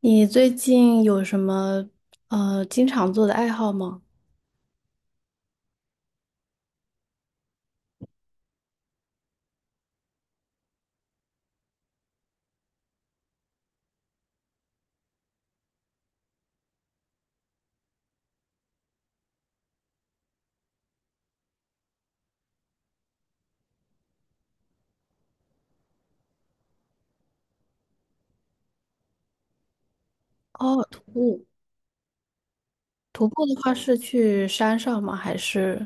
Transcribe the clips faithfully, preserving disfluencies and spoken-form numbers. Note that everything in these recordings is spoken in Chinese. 你最近有什么呃经常做的爱好吗？哦，徒步。徒步的话是去山上吗？还是？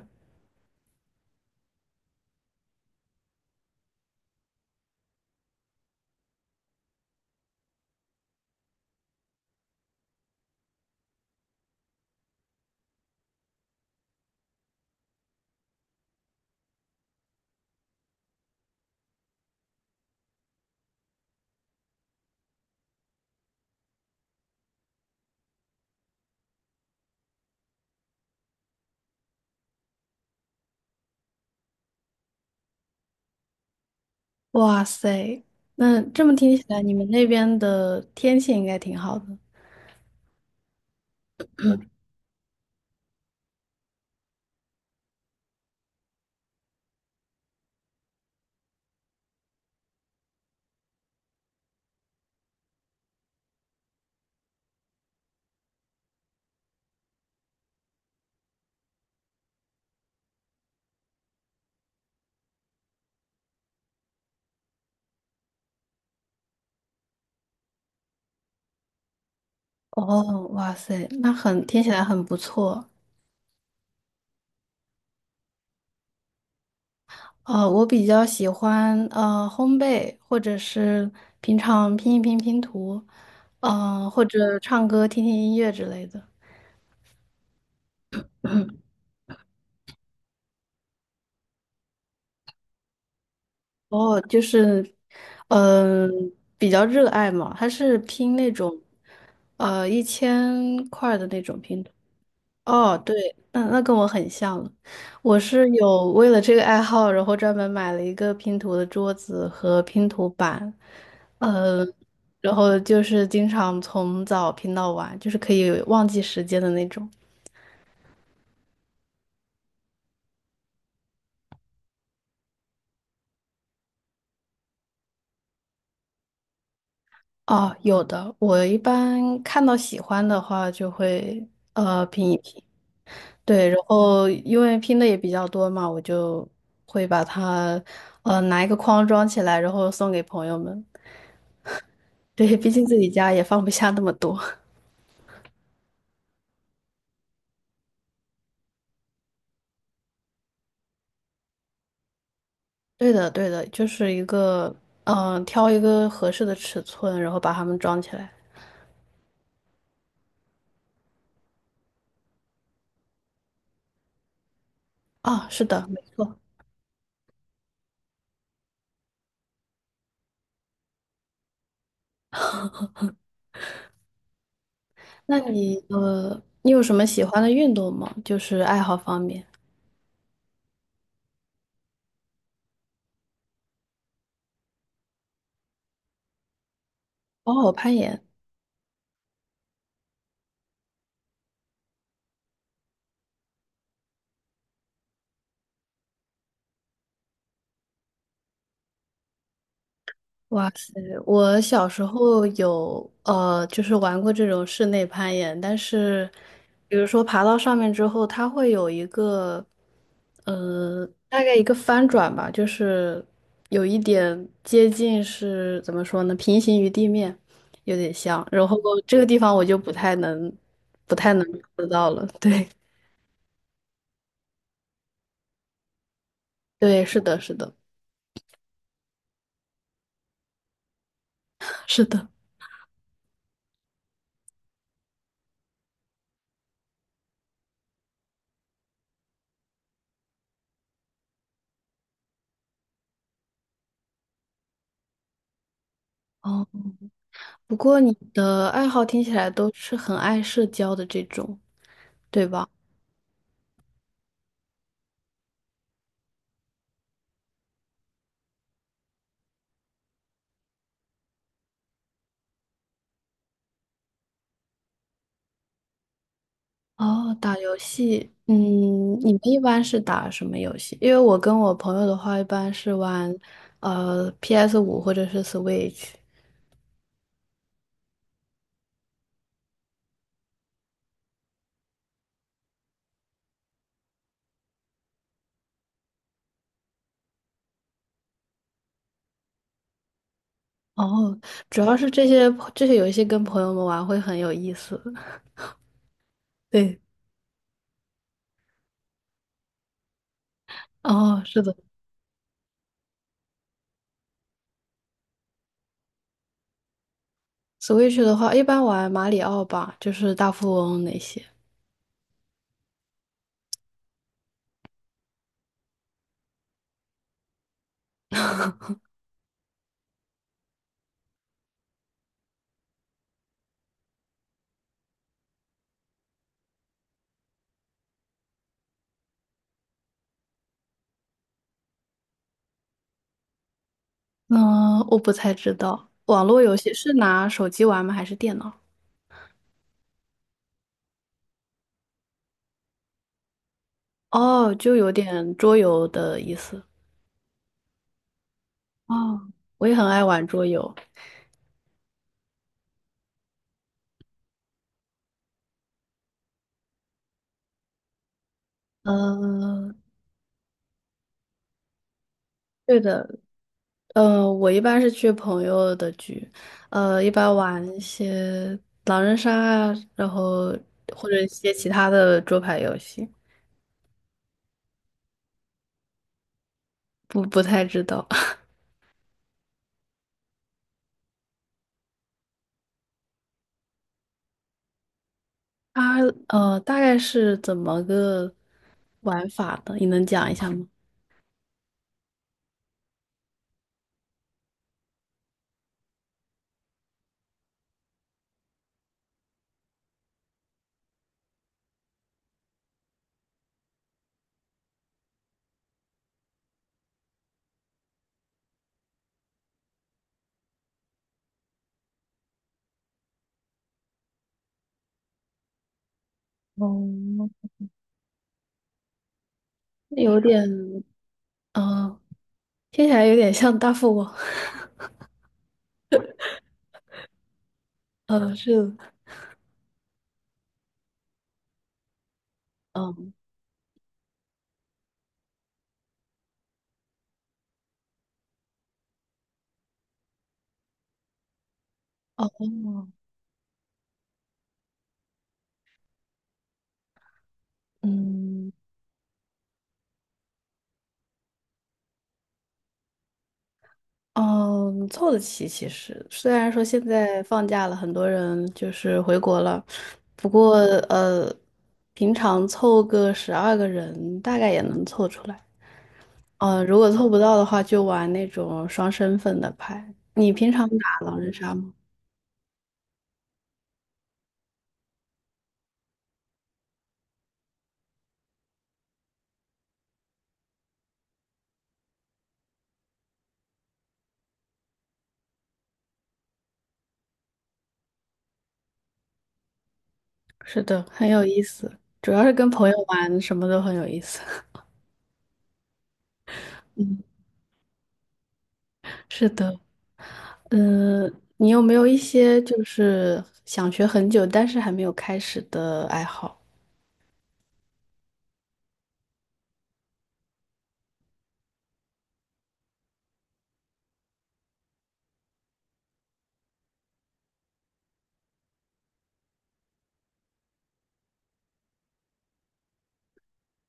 哇塞，那这么听起来，你们那边的天气应该挺好的。哦，哇塞，那很听起来很不错。呃，我比较喜欢呃烘焙，或者是平常拼一拼拼图，呃，或者唱歌、听听音乐之类的。哦，就是，嗯、比较热爱嘛，他是拼那种，呃，一千块的那种拼图。哦，对，那那跟我很像了。我是有为了这个爱好，然后专门买了一个拼图的桌子和拼图板，呃，然后就是经常从早拼到晚，就是可以忘记时间的那种。哦，有的，我一般看到喜欢的话就会呃拼一拼。对，然后因为拼的也比较多嘛，我就会把它，呃，拿一个框装起来，然后送给朋友们。对，毕竟自己家也放不下那么多。对的，对的，就是一个，嗯、挑一个合适的尺寸，然后把它们装起来。啊，是的，没错。那你，呃，你有什么喜欢的运动吗？就是爱好方面。哦，攀岩。哇塞！我小时候有呃，就是玩过这种室内攀岩，但是，比如说爬到上面之后，它会有一个呃，大概一个翻转吧，就是有一点接近是怎么说呢，平行于地面，有点像。然后这个地方我就不太能，不太能，做到了。对，对，是的，是的，是的。哦，不过你的爱好听起来都是很爱社交的这种，对吧？哦，打游戏，嗯，你们一般是打什么游戏？因为我跟我朋友的话，一般是玩呃 p s 五或者是 Switch。哦，主要是这些这些游戏跟朋友们玩会很有意思。对，哦，是的，Switch 的话，一般玩马里奥吧，就是大富翁那些。嗯，我不太知道，网络游戏是拿手机玩吗？还是电脑？哦，就有点桌游的意思。哦，我也很爱玩桌游。嗯，对的，呃，我一般是去朋友的局，呃，一般玩一些狼人杀啊，然后或者一些其他的桌牌游戏，不不太知道。它呃，大概是怎么个玩法的，你能讲一下吗？哦，有点，呃，听起来有点像大富翁。呃，是，嗯，哦哦，嗯。嗯，凑得齐。其实虽然说现在放假了，很多人就是回国了，不过呃，平常凑个十二个人大概也能凑出来。呃，如果凑不到的话，就玩那种双身份的牌。你平常打狼人杀吗？是的，很有意思，主要是跟朋友玩，什么都很有意思。嗯，是的，嗯，你有没有一些就是想学很久但是还没有开始的爱好？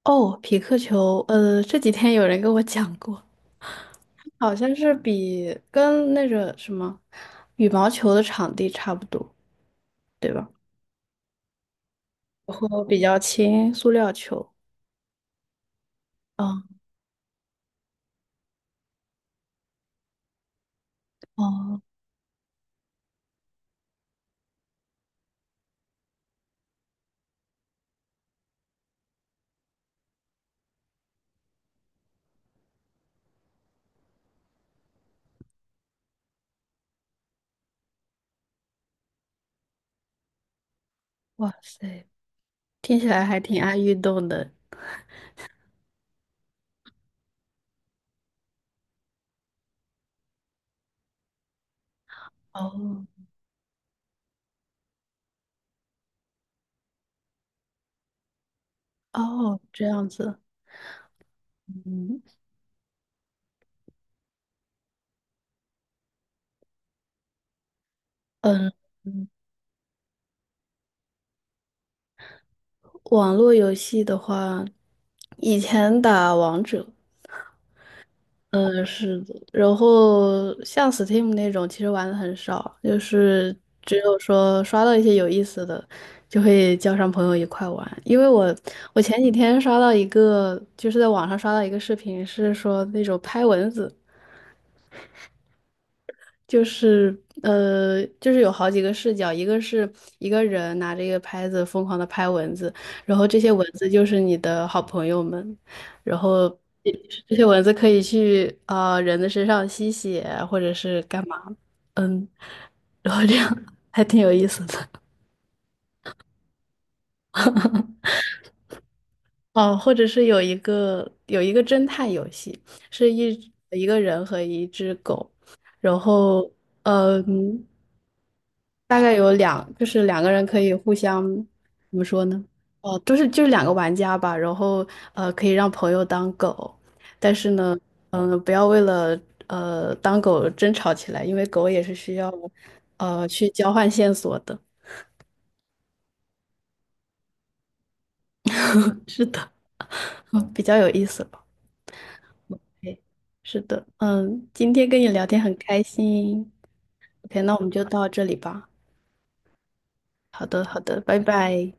哦，匹克球，呃，这几天有人跟我讲过，好像是比跟那个什么羽毛球的场地差不多，对吧？然后比较轻，塑料球。哦哦，哇塞，听起来还挺爱运动的。哦哦，这样子。嗯嗯，嗯网络游戏的话，以前打王者，嗯，是的。然后像 Steam 那种，其实玩的很少，就是只有说刷到一些有意思的，就会叫上朋友一块玩。因为我我前几天刷到一个，就是在网上刷到一个视频，是说那种拍蚊子。就是呃，就是有好几个视角，一个是一个人拿着一个拍子疯狂的拍蚊子，然后这些蚊子就是你的好朋友们，然后这这些蚊子可以去啊、呃人的身上吸血啊或者是干嘛，嗯，然后这样还挺有意思的。哦，或者是有一个有一个侦探游戏，是一一个人和一只狗，然后。嗯，大概有两，就是两个人可以互相，怎么说呢？哦，就是就是两个玩家吧，然后呃，可以让朋友当狗，但是呢，嗯、不要为了呃当狗争吵起来，因为狗也是需要呃去交换线索的。是的，比较有意思吧？k 是的，嗯，今天跟你聊天很开心。OK，那我们就到这里吧。好的，好的，拜拜。